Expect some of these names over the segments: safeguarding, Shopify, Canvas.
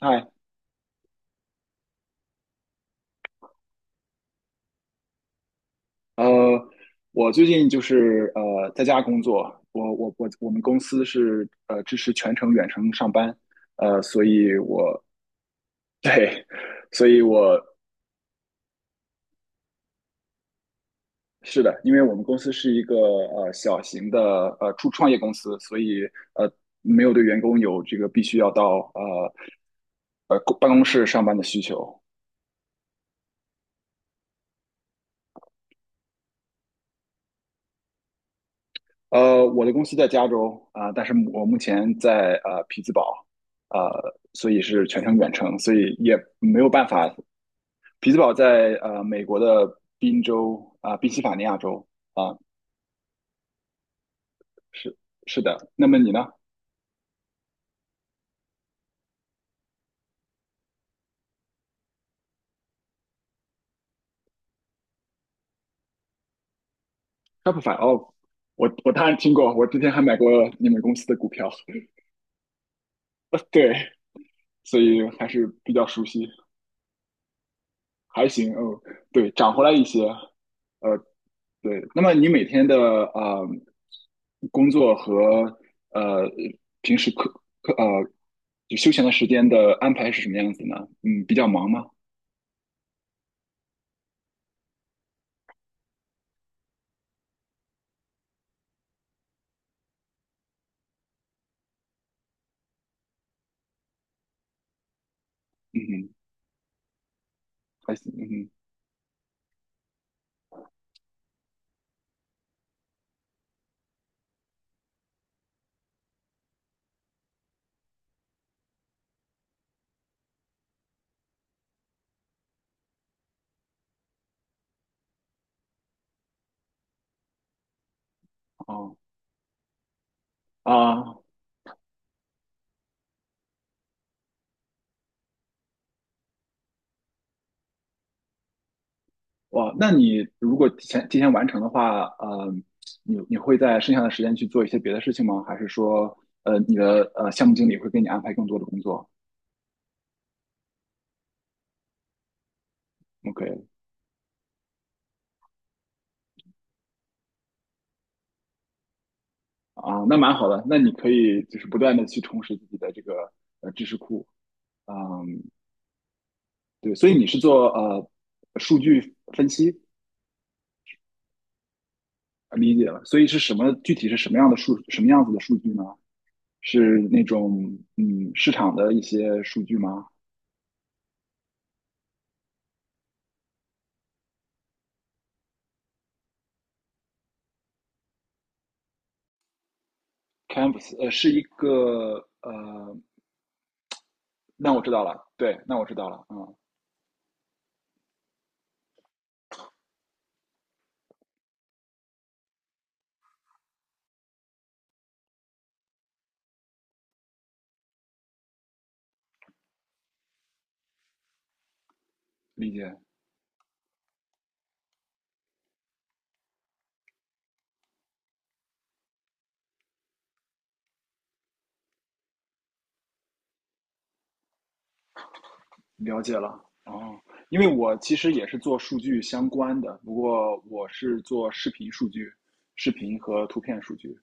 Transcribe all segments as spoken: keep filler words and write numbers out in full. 嗨，呃，我最近就是呃在家工作，我我我我们公司是呃支持全程远程上班，呃，所以我 对，所以我是的，因为我们公司是一个呃小型的呃初创业公司，所以呃没有对员工有这个必须要到呃呃公办公室上班的需求，呃，我的公司在加州啊，但是我目前在呃匹兹堡，呃，所以是全程远程，所以也没有办法。匹兹堡在呃美国的宾州啊，宾夕法尼亚州啊，是是的。那么你呢？Shopify 哦，我我当然听过，我之前还买过你们公司的股票，对，所以还是比较熟悉。还行，嗯，对，涨回来一些，呃，对。那么你每天的呃工作和呃平时课课呃就休闲的时间的安排是什么样子呢？嗯，比较忙吗？嗯哼。还行，嗯哼，哦啊，哇，那你如果提前提前完成的话，呃，你你会在剩下的时间去做一些别的事情吗？还是说，呃，你的呃项目经理会给你安排更多的工作？OK,啊，那蛮好的，那你可以就是不断的去充实自己的这个呃知识库，嗯，对，所以你是做呃数据分析，理解了，所以是什么具体是什么样的数，什么样子的数据呢？是那种嗯市场的一些数据吗？Canvas 呃是一个呃，那我知道了，对，那我知道了，嗯，理解，了解了，哦，因为我其实也是做数据相关的，不过我是做视频数据、视频和图片数据。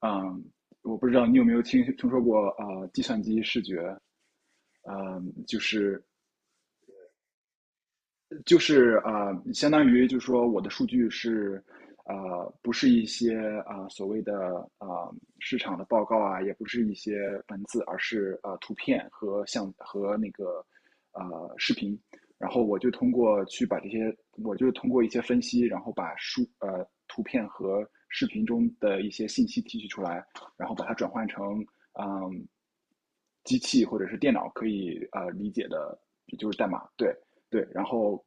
嗯，我不知道你有没有听听说过呃，计算机视觉，嗯，就是就是啊、呃相当于就是说我的数据是啊，呃，不是一些啊、呃所谓的啊、呃市场的报告啊，也不是一些文字，而是啊呃图片和像和那个呃视频。然后我就通过去把这些，我就通过一些分析，然后把数呃图片和视频中的一些信息提取出来，然后把它转换成嗯机器或者是电脑可以呃理解的，就是代码。对对，然后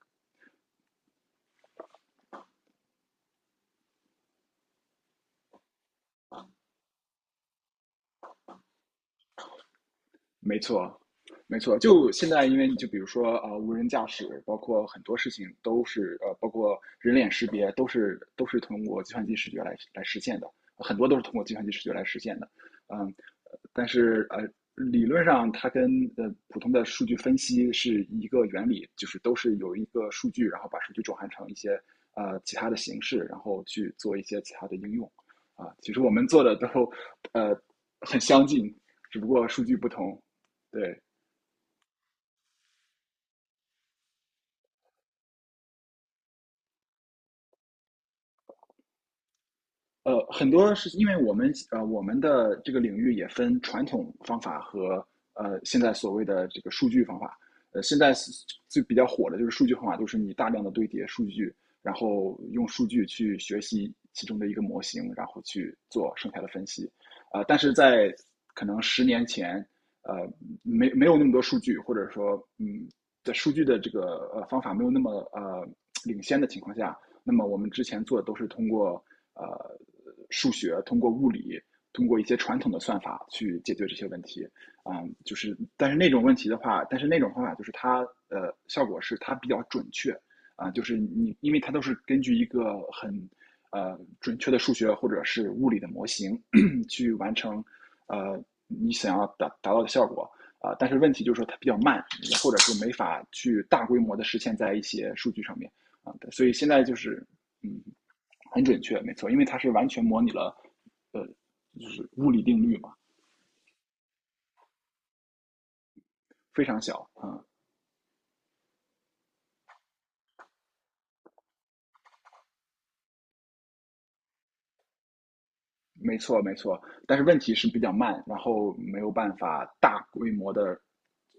没错，没错。就现在，因为你就比如说啊、呃无人驾驶，包括很多事情都是呃，包括人脸识别，都是都是通过计算机视觉来来实现的，很多都是通过计算机视觉来实现的。嗯，呃但是呃，理论上它跟呃普通的数据分析是一个原理，就是都是有一个数据，然后把数据转换成一些呃其他的形式，然后去做一些其他的应用。啊，其实我们做的都呃很相近，只不过数据不同。对，呃，很多是因为我们呃我们的这个领域也分传统方法和呃现在所谓的这个数据方法。呃，现在是最比较火的就是数据方法，就是你大量的堆叠数据，然后用数据去学习其中的一个模型，然后去做剩下的分析。呃，但是在可能十年前，呃，没没有那么多数据，或者说嗯，在数据的这个呃方法没有那么呃领先的情况下，那么我们之前做的都是通过呃数学、通过物理、通过一些传统的算法去解决这些问题。嗯，就是但是那种问题的话，但是那种方法就是它呃效果是它比较准确啊、呃就是你因为它都是根据一个很呃准确的数学或者是物理的模型 去完成呃你想要达达到的效果。啊，呃但是问题就是说它比较慢，或者是没法去大规模的实现在一些数据上面。啊，对，所以现在就是嗯，很准确，没错，因为它是完全模拟了呃，就是物理定律嘛，非常小啊、没错，没错，但是问题是比较慢，然后没有办法大规模的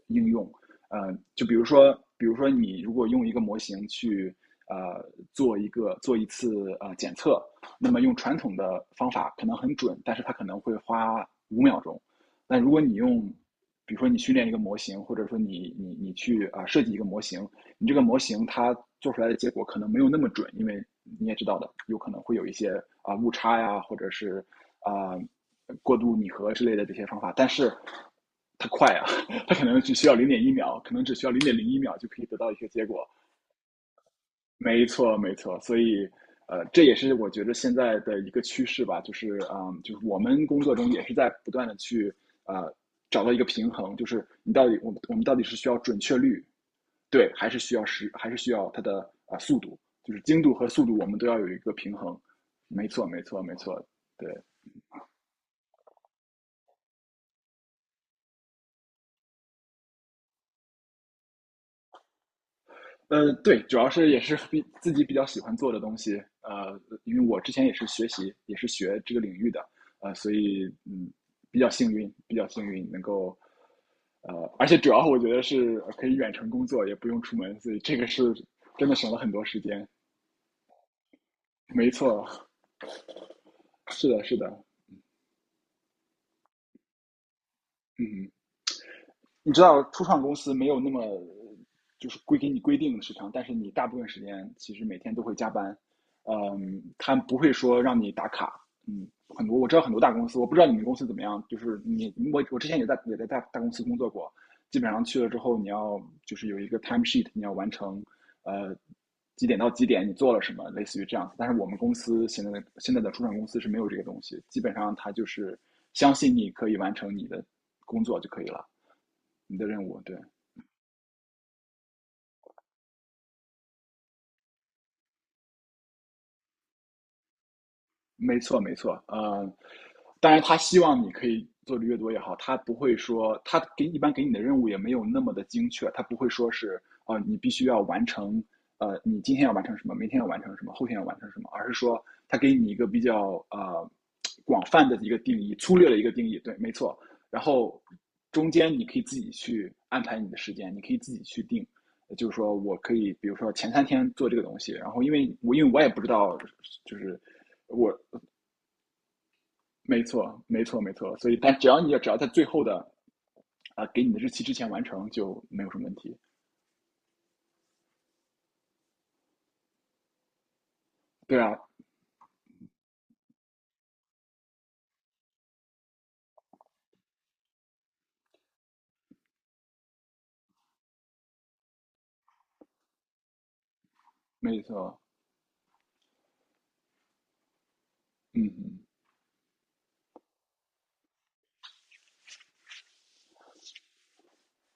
应用。呃，就比如说，比如说你如果用一个模型去呃做一个做一次呃检测，那么用传统的方法可能很准，但是它可能会花五秒钟。但如果你用，比如说你训练一个模型，或者说你你你去啊、呃设计一个模型，你这个模型它做出来的结果可能没有那么准，因为你也知道的，有可能会有一些啊、呃误差呀，或者是啊、呃过度拟合之类的这些方法，但是它快啊，它可能只需要零点一秒，可能只需要零点零一秒就可以得到一个结果。没错，没错，所以。呃，这也是我觉得现在的一个趋势吧，就是嗯，呃就是我们工作中也是在不断的去呃找到一个平衡，就是你到底我们我们到底是需要准确率，对，还是需要时，还是需要它的啊、呃速度，就是精度和速度，我们都要有一个平衡。没错，没错，没错，对，呃，对，主要是也是比自己比较喜欢做的东西，呃，因为我之前也是学习，也是学这个领域的，呃，所以嗯，比较幸运，比较幸运能够，呃，而且主要我觉得是可以远程工作，也不用出门，所以这个是真的省了很多时间。没错，是的，是的，嗯。你知道初创公司没有那么就是规给你规定的时长，但是你大部分时间其实每天都会加班，嗯，他不会说让你打卡，嗯，很多我知道很多大公司，我不知道你们公司怎么样，就是你我我之前也在也在大大公司工作过，基本上去了之后你要就是有一个 time sheet,你要完成，呃。几点到几点你做了什么，类似于这样子。但是我们公司现在的现在的初创公司是没有这个东西，基本上他就是相信你可以完成你的工作就可以了。你的任务，对，没错，没错，呃，当然他希望你可以做的越多越好，他不会说他给一般给你的任务也没有那么的精确，他不会说是啊、你必须要完成，呃，你今天要完成什么，明天要完成什么，后天要完成什么，而是说他给你一个比较呃广泛的一个定义，粗略的一个定义，对，没错，然后中间你可以自己去安排你的时间，你可以自己去定。呃就是说我可以，比如说前三天做这个东西，然后因为我因为我也不知道，就是我没错，没错，没错。所以，但只要你只要在最后的啊、呃给你的日期之前完成，就没有什么问题。对啊，没错，嗯嗯，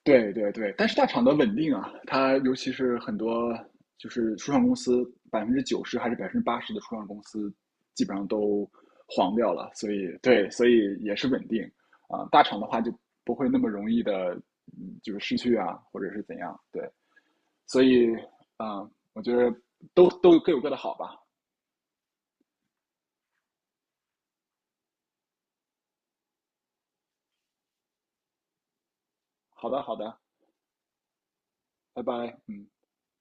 对对对。但是大厂的稳定啊，它尤其是很多就是初创公司，百分之九十还是百分之八十的初创公司，基本上都黄掉了。所以对，所以也是稳定啊、大厂的话就不会那么容易的，嗯就是失去啊，或者是怎样。对，所以啊、呃我觉得都都各有各的好吧。好的，好的，拜拜，嗯。